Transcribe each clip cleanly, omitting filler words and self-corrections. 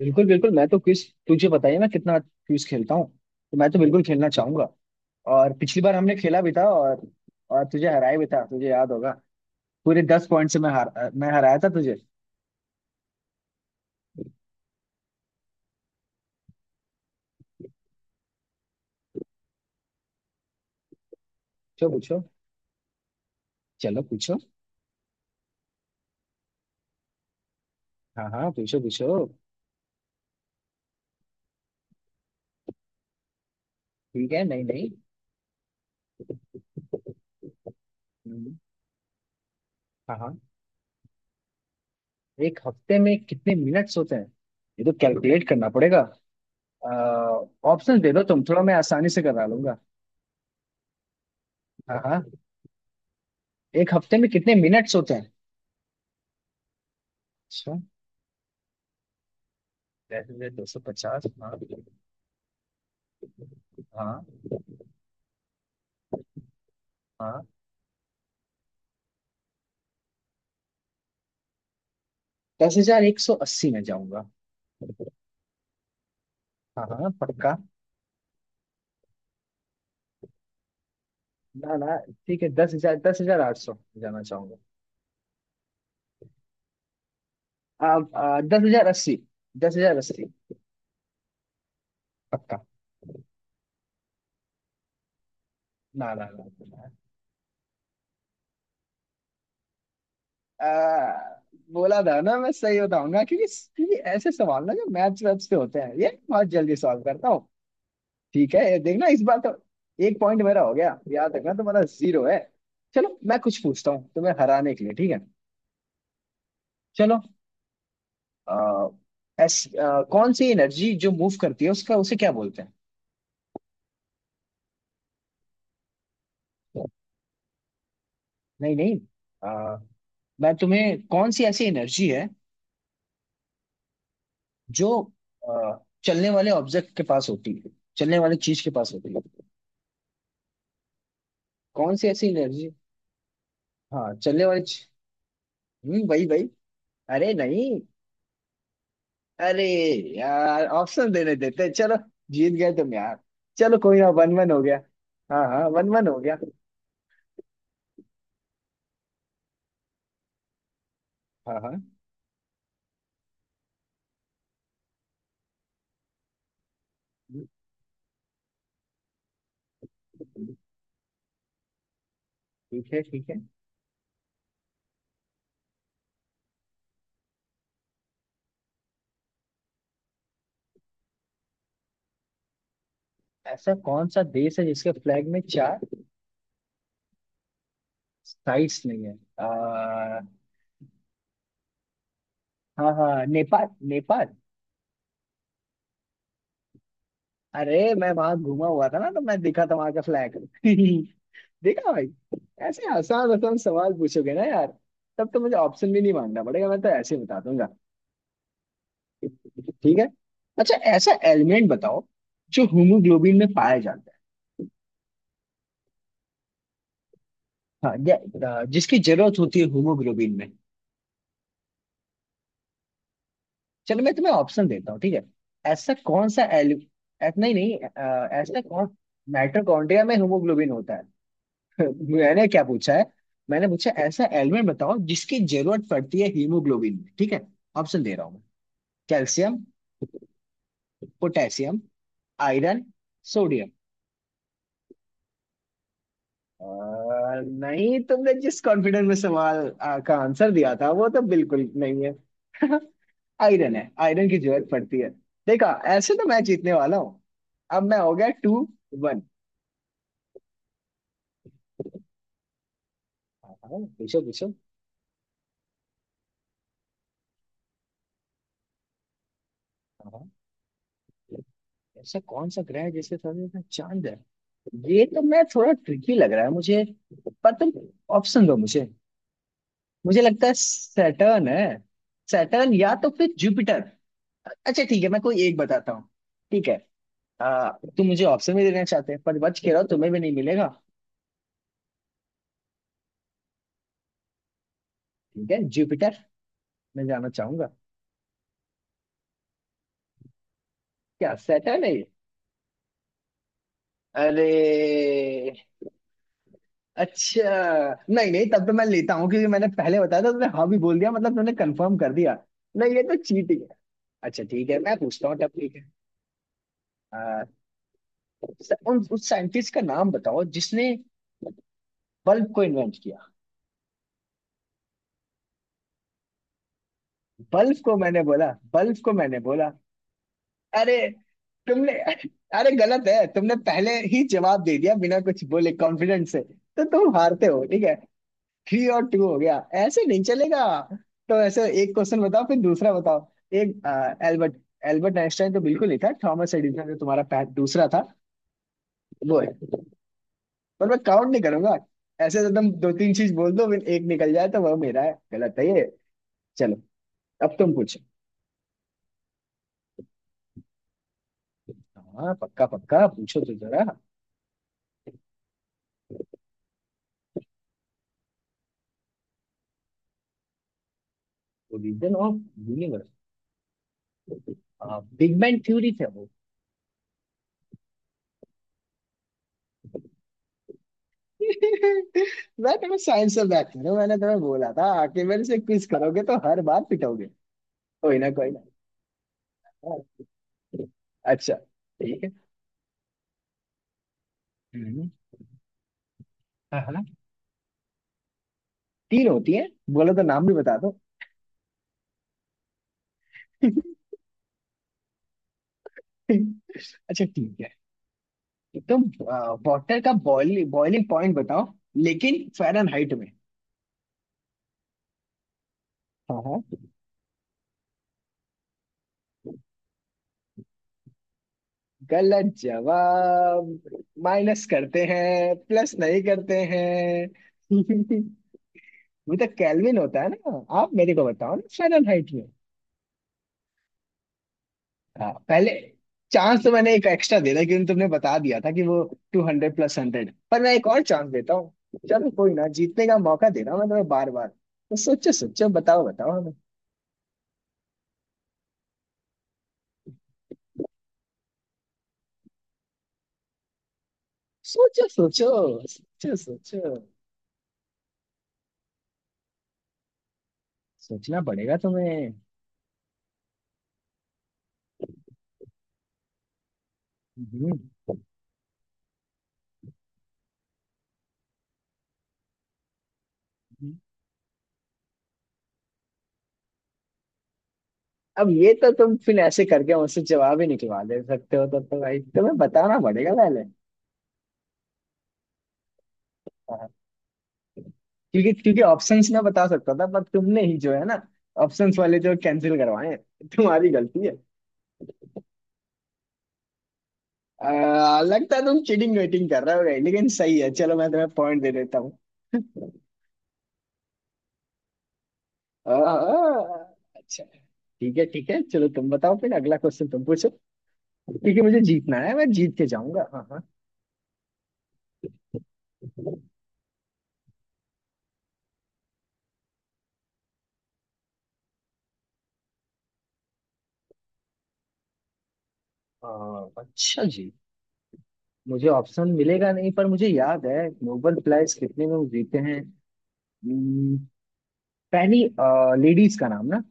बिल्कुल बिल्कुल, मैं तो क्विज, तुझे पता ही है मैं कितना क्विज खेलता हूँ। तो मैं तो बिल्कुल खेलना चाहूंगा। और पिछली बार हमने खेला भी था, और तुझे हराया भी था, तुझे याद होगा। पूरे 10 पॉइंट से मैं हराया था तुझे। पूछो पूछो। चलो पूछो। हाँ हाँ, पूछो पूछो। ठीक है, नहीं नहीं। हम्म। हाँ हाँ, एक हफ्ते में कितने मिनट्स होते हैं? ये तो कैलकुलेट करना पड़ेगा। ऑप्शन दे दो तुम थोड़ा, मैं आसानी से करा लूंगा। हाँ हाँ। एक हफ्ते में कितने मिनट्स होते हैं? अच्छा। वैसे तो 250, हाँ। हाँ। हाँ। 10,180 में जाऊंगा। हाँ हाँ, पक्का। ना ना। ठीक है, दस हजार आठ सौ जाना चाहूंगा। 10,080। 10,080। पक्का। ना ना ना ना। आ, बोला था ना मैं सही बताऊंगा, क्योंकि क्योंकि ऐसे सवाल ना जो मैथ्स वैथ्स पे होते हैं ये बहुत जल्दी सॉल्व करता हूँ। ठीक है, ये देखना इस बार तो। 1 पॉइंट मेरा हो गया, याद रखना तुम्हारा 0 है। चलो मैं कुछ पूछता हूँ तुम्हें हराने के लिए, ठीक है? चलो। आ, ऐस, कौन सी एनर्जी जो मूव करती है उसका उसे क्या बोलते? नहीं नहीं। आ, मैं तुम्हें, कौन सी ऐसी एनर्जी है जो आ, चलने वाले ऑब्जेक्ट के पास होती है? चलने वाली चीज के पास होती है? कौन सी ऐसी एनर्जी? हाँ, वही वही। अरे नहीं। अरे यार, ऑप्शन देने देते। चलो, जीत गए तुम यार। चलो, कोई ना, 1-1 हो गया। हाँ हाँ, 1-1 हो गया। हाँ हाँ। ठीक है, ठीक है। ऐसा कौन सा देश है जिसके फ्लैग में चार साइड्स नहीं है? आ, हाँ हाँ, नेपाल नेपाल। अरे, मैं वहां घूमा हुआ था ना, तो मैं देखा था वहां का फ्लैग। देखा भाई, ऐसे आसान आसान सवाल पूछोगे ना यार, तब तो मुझे ऑप्शन भी नहीं मांगना पड़ेगा, मैं तो ऐसे ही बता दूंगा। ठीक है। अच्छा, ऐसा एलिमेंट बताओ जो हीमोग्लोबिन में पाया जाता है। हाँ, जिसकी जरूरत होती है हीमोग्लोबिन में। चलो मैं तुम्हें ऑप्शन देता हूँ, ठीक है? ऐसा कौन सा एलि ऐ- नहीं नहीं, अ, ऐसा कौन माइटोकॉन्ड्रिया में हीमोग्लोबिन होता है? मैंने क्या पूछा है? मैंने पूछा, ऐसा एलिमेंट बताओ जिसकी जरूरत पड़ती है हीमोग्लोबिन में, ठीक है? ऑप्शन दे रहा हूँ मैं। कैल्शियम। पोटेशियम। आयरन। सोडियम। अ, नहीं, तुमने जिस कॉन्फिडेंस में सवाल का आंसर दिया था वो तो बिल्कुल नहीं है। आयरन है, आयरन की जरूरत पड़ती है। देखा, ऐसे तो मैं जीतने वाला हूँ। अब मैं हो गया 2-1। हाँ हाँ, पूछो पूछो। हाँ हाँ। ऐसा कौन सा ग्रह है जिसके साथ साथ चांद है? ये तो मैं थोड़ा ट्रिकी लग रहा है मुझे, पर तुम ऑप्शन दो मुझे। मुझे लगता है सैटर्न है। सैटर्न, या तो फिर जुपिटर। अच्छा ठीक है, मैं कोई एक बताता हूँ। ठीक है। आ, तुम मुझे ऑप्शन भी देना चाहते हैं पर बच के रहो, तुम्हें भी नहीं मिलेगा। ठीक है, जुपिटर मैं जाना चाहूंगा। क्या सैटर्न है ये? अरे, अच्छा। नहीं नहीं, तब तो मैं लेता हूँ क्योंकि मैंने पहले बताया था, तुमने हाँ भी बोल दिया, मतलब तुमने कंफर्म कर दिया। नहीं, ये तो चीटिंग। अच्छा ठीक है, मैं पूछता हूँ तब, ठीक है। अ, उस साइंटिस्ट का नाम बताओ जिसने बल्ब को इन्वेंट किया। बल्ब को मैंने बोला, बल्ब को मैंने बोला। अरे, तुमने। अरे गलत है, तुमने पहले ही जवाब दे दिया बिना कुछ बोले कॉन्फिडेंस से, तो तुम हारते हो, ठीक है। 3-2 हो गया। ऐसे नहीं चलेगा। तो ऐसे एक क्वेश्चन बताओ फिर दूसरा बताओ। एक एल्बर्ट, एल्बर्ट आइंस्टाइन तो बिल्कुल नहीं था, थॉमस एडिसन जो तुम्हारा दूसरा था वो, पर मैं काउंट नहीं करूंगा। ऐसे तो तुम दो तीन चीज बोल दो फिर एक निकल जाए तो वह मेरा है? गलत है ये। चलो, अब तुम पूछो। हाँ पक्का पक्का, पूछो तो जरा। Origin of universe, big bang theory थे वो। मैं तुम्हें साइंस से बैक करूँ? मैंने तुम्हें बोला था, आके मेरे से क्विज करोगे तो हर बार पिटोगे। कोई ना कोई ना। हाँ। अच्छा। ठीक है। हम्म, हाँ हाँ। तीन होती है। बोलो तो नाम भी बता दो। अच्छा ठीक है। एकदम। वाटर का बॉइलिंग बॉइलिंग पॉइंट बताओ, लेकिन फ़ारेनहाइट में। हाँ हाँ। गलत जवाब। माइनस करते हैं, प्लस नहीं करते हैं। वो तो केल्विन होता है ना, आप मेरे को बताओ ना फ़ारेनहाइट में। हाँ, पहले चांस तो मैंने एक एक्स्ट्रा दे दिया क्योंकि तुमने बता दिया था कि वो टू हंड्रेड प्लस हंड्रेड, पर मैं एक और चांस देता हूँ। चलो कोई ना, जीतने का मौका दे रहा हूँ मैं तुम्हें बार बार, तो सोचो सोचो, बताओ बताओ हमें। सोचो सोचो। सोचो सोचो। सोचना पड़ेगा तुम्हें। हम्म। हम्म। अब ये तो तुम फिर ऐसे करके मुझसे जवाब ही निकलवा दे सकते हो, तब तो भाई तुम्हें बताना पड़ेगा पहले। क्योंकि क्योंकि ऑप्शंस ना बता सकता था, पर तुमने ही जो है ना, ऑप्शंस वाले जो कैंसिल करवाए, तुम्हारी गलती है। लगता है तुम चीटिंग वेटिंग कर रहे हो भाई, लेकिन सही है, चलो मैं तुम्हें पॉइंट दे देता हूँ। आ, अच्छा ठीक है, ठीक है, चलो तुम बताओ फिर अगला क्वेश्चन तुम पूछो, क्योंकि मुझे जीतना है, मैं जीत के जाऊंगा। हाँ हाँ। अच्छा जी, मुझे ऑप्शन मिलेगा नहीं पर मुझे याद है, नोबेल प्राइज कितने लोग जीते हैं। हम्म, पहली लेडीज का नाम ना?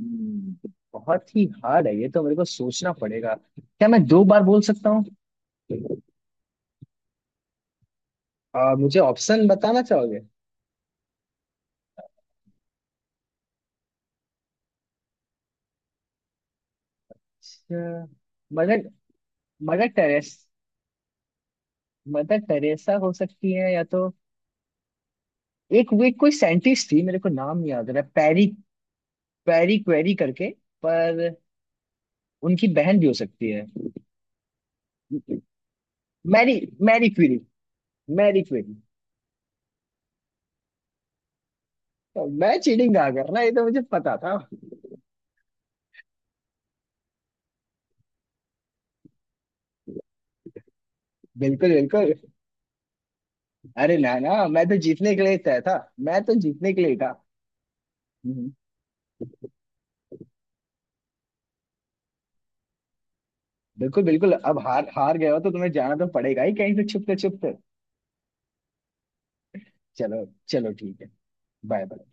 तो बहुत ही हार्ड है ये तो, मेरे को सोचना पड़ेगा। क्या मैं दो बार बोल सकता हूँ? मुझे ऑप्शन बताना चाहोगे? अच्छा, mother mother Teresa mother Teresa हो सकती है, या तो एक वे कोई साइंटिस्ट थी, मेरे को नाम नहीं याद रहा, पैरी, पैरी क्वेरी करके, पर उनकी बहन भी हो सकती है। Marie Marie Curie. Marie Curie. तो मैं चीटिंग कहाँ कर रहा है, ये तो मुझे पता था। बिल्कुल बिल्कुल। अरे ना ना, मैं तो जीतने के लिए तय था। मैं तो जीतने के लिए था। हम्म। बिल्कुल बिल्कुल, अब हार हार गए हो तो तुम्हें जाना तो पड़ेगा ही, कहीं से छुपते छुपते। चलो चलो ठीक है। Bye bye.